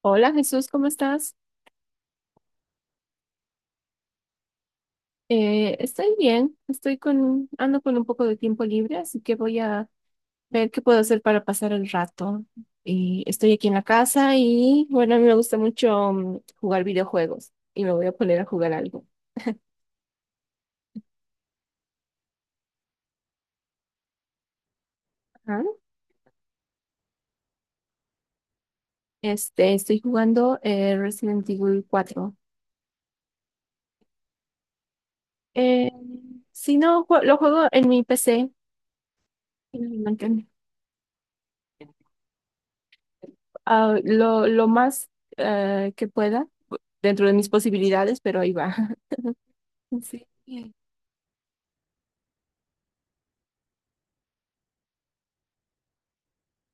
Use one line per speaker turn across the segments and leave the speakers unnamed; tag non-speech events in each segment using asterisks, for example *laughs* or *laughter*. Hola Jesús, ¿cómo estás? Estoy bien, ando con un poco de tiempo libre, así que voy a ver qué puedo hacer para pasar el rato. Y estoy aquí en la casa y bueno, a mí me gusta mucho jugar videojuegos y me voy a poner a jugar algo. Ajá. Estoy jugando Resident Evil cuatro. Eh, si no, lo juego en mi PC, en mi Nintendo. Ah, lo más que pueda dentro de mis posibilidades, pero ahí va. *laughs* Sí.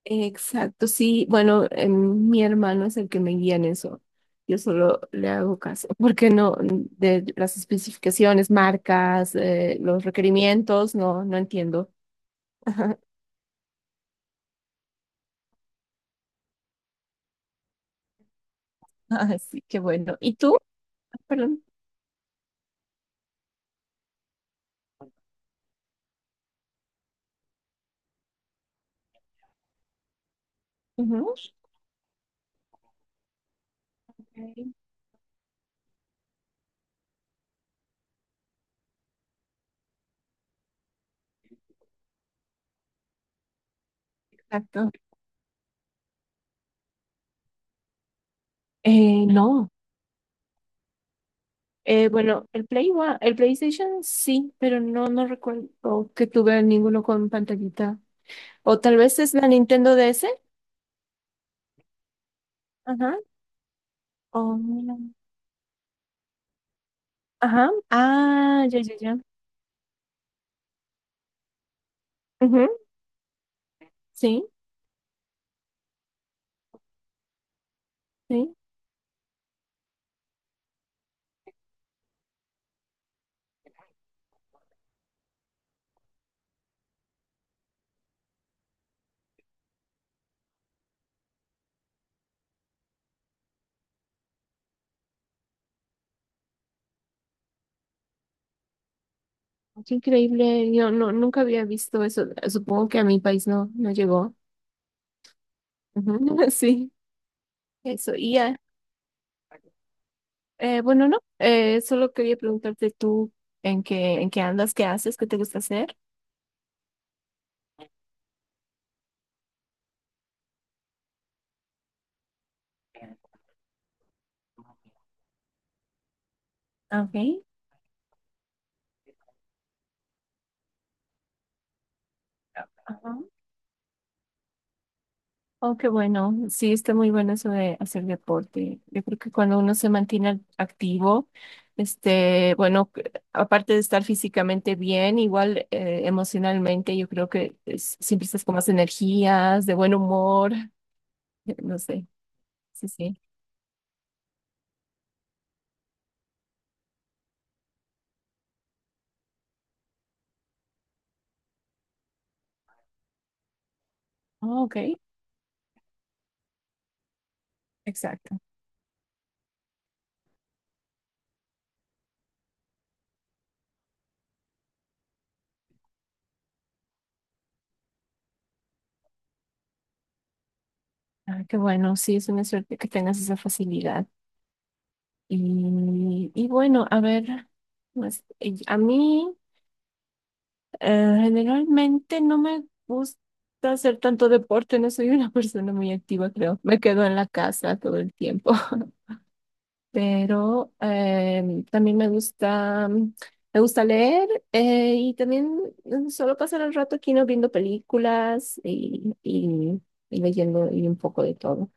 Exacto, sí. Bueno, mi hermano es el que me guía en eso. Yo solo le hago caso, *laughs* porque no, de las especificaciones, marcas, los requerimientos, no entiendo. *laughs* Así que bueno. ¿Y tú? Perdón. Ujú. Ok. Exacto. No. Bueno, el el PlayStation sí, pero no recuerdo que tuve ninguno con pantallita. O tal vez es la Nintendo DS. Ajá. O- ajá. Ah, ya, ya, ya. Ujú. Sí, sí. Qué increíble. Yo nunca había visto eso. Supongo que a mi país no llegó. Ujú. *laughs* Sí, eso. Y ya. Bueno, no. Solo quería preguntarte tú en qué andas, qué haces, qué te gusta hacer. Ok. Ajá. Oh, qué bueno. Sí, está muy bueno eso de hacer deporte. Yo creo que cuando uno se mantiene activo, este, bueno, aparte de estar físicamente bien, igual emocionalmente, yo creo que siempre estás con más energías, de buen humor, *laughs* no sé. Sí, sí. Oh, ok, exacto. Ah, qué bueno. Sí, es una suerte que tengas esa facilidad. Y bueno, a ver, pues, y a mí. Generalmente no me gusta hacer tanto deporte, no soy una *laughs* persona muy activa, creo. Me quedo en la casa todo el tiempo, *laughs* pero también me gusta, me gusta leer y también solo pasar el rato aquí no viendo películas y leyendo y un poco de todo.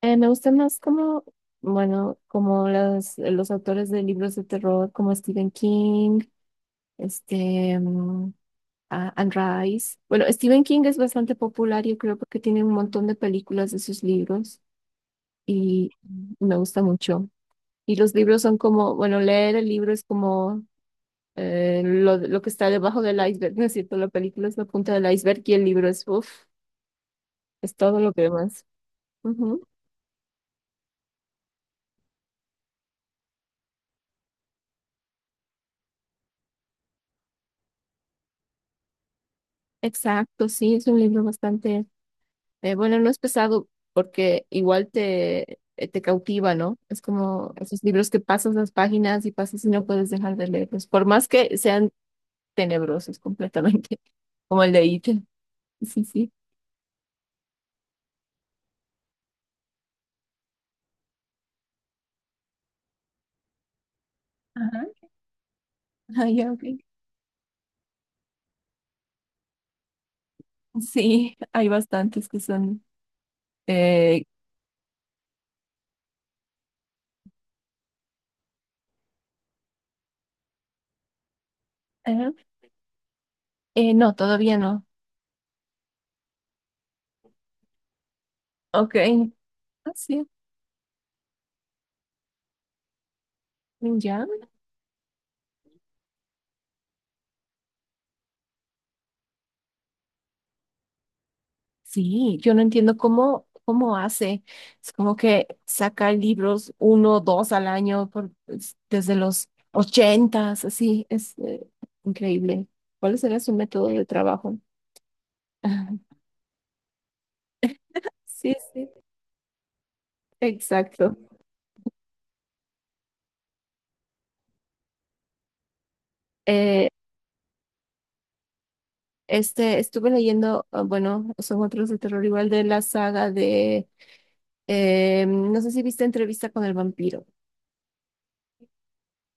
Me gusta más como, bueno, como los autores de libros de terror como Stephen King, este... mm, ah, and Rise. Bueno, Stephen King es bastante popular, yo creo, porque tiene un montón de películas de sus libros y me gusta mucho. Y los libros son como, bueno, leer el libro es como lo que está debajo del iceberg, *laughs* ¿no es cierto? La película es la punta del iceberg y el libro es, uff, es todo lo que demás. Ujú. Exacto, sí, es un libro bastante. Bueno, no es pesado porque igual te, te cautiva, ¿no? Es como esos libros que pasas las páginas y pasas y no puedes dejar de leerlos, por más que sean tenebrosos completamente, *laughs* como el de It. Sí, sí. Ajá. Ah, ya, ok. Sí. Sí, hay bastantes que son... Eh, ajá. No, todavía no. Ok. Ah, sí, ya. Sí, yo no entiendo cómo, cómo hace. Es como que saca libros uno, dos al año desde los ochentas, así, es increíble. ¿Cuál será su método de trabajo? *laughs* Ajá. Sí, sí, exacto. Eh, Estuve leyendo, ah, bueno, son otros de terror igual de la saga de, no sé si viste Entrevista con el vampiro.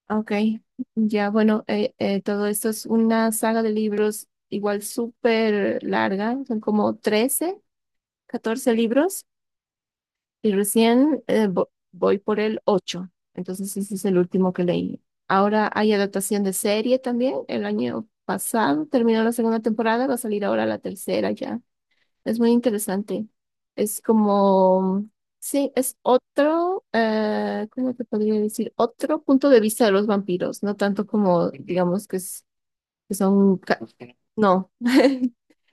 Ok, ya bueno, todo esto es una saga de libros igual súper larga, son como 13, 14 libros y recién voy por el 8, entonces ese es el último que leí. Ahora hay adaptación de serie también, el año pasado terminó la segunda temporada, va a salir ahora la tercera ya. Es muy interesante. Es como, sí, es otro, ¿cómo te podría decir? Otro punto de vista de los vampiros, no tanto como, digamos, que, es- que son, ca- no, *laughs*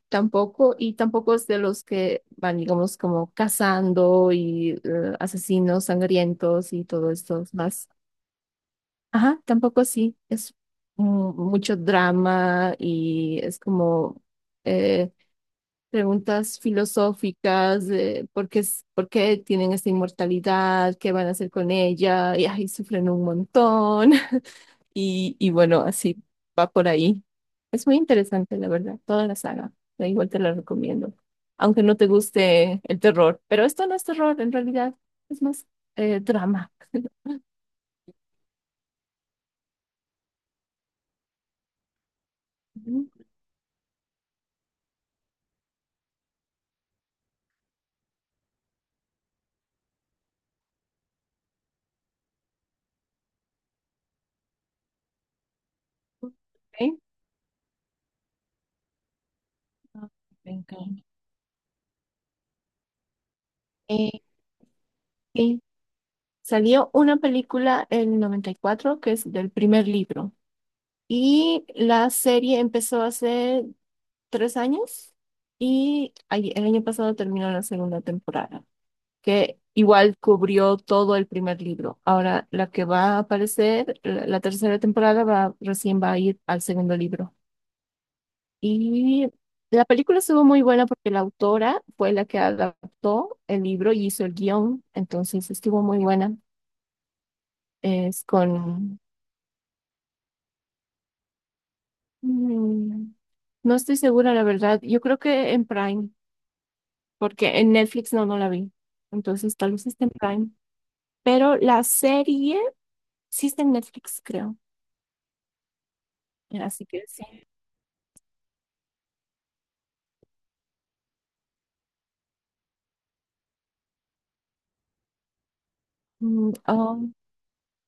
tampoco, y tampoco es de los que van, digamos, como cazando y asesinos sangrientos y todo esto más. Ajá, tampoco así. Es mucho drama y es como... eh, preguntas filosóficas de por qué, por qué tienen esta inmortalidad, qué van a hacer con ella, y ahí sufren un montón. *laughs* Y bueno, así va por ahí. Es muy interesante, la verdad, toda la saga. Da igual, te la recomiendo, aunque no te guste el terror. Pero esto no es terror, en realidad, es más drama. *laughs* Mm. Ok. Ah. Me encanta. Eh, sí. Salió una película en 94 que es del primer libro. Y la serie empezó hace 3 años y el año pasado terminó la segunda temporada, que igual cubrió todo el primer libro. Ahora la que va a aparecer, la tercera temporada va, recién va a ir al segundo libro. Y la película estuvo muy buena porque la autora fue la que adaptó el libro y hizo el guión, entonces estuvo muy buena. Es con... mm, no estoy segura, la verdad. Yo creo que en Prime. Porque en Netflix no la vi. Entonces tal vez esté en Prime. Pero la serie sí está en Netflix, creo. Así que sí. Mm, oh,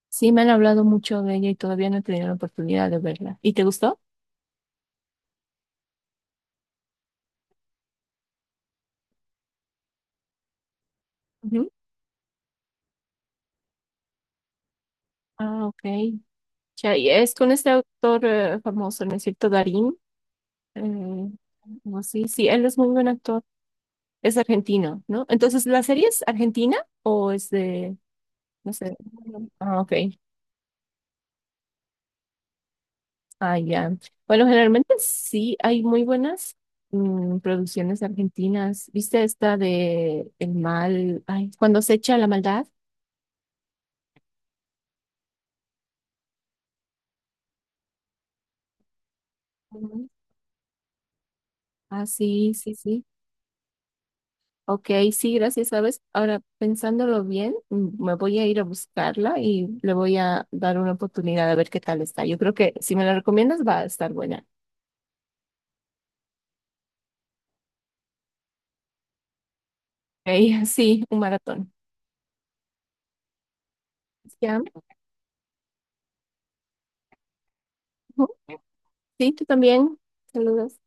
sí, me han hablado mucho de ella y todavía no he tenido la oportunidad de verla. ¿Y te gustó? Ujú. Ah, ok. Ya, y es con este actor famoso, ¿no es cierto? Darín. Eh, no, sí, sí, él es muy buen actor. Es argentino, ¿no? Entonces, ¿la serie es argentina o es de, no sé? Ah, ok. Ah, ya. Bueno, generalmente sí hay muy buenas producciones argentinas. ¿Viste esta de El mal? Ay, cuando se echa la maldad. Ujú. Ah, sí, sí, sí. Ok, sí, gracias, ¿sabes? Ahora, pensándolo bien, me voy a ir a buscarla y le voy a dar una oportunidad a ver qué tal está. Yo creo que si me la recomiendas va a estar buena. Ok, *laughs* sí, un maratón. Ya. Ujú. Sí, tú también. Saludos.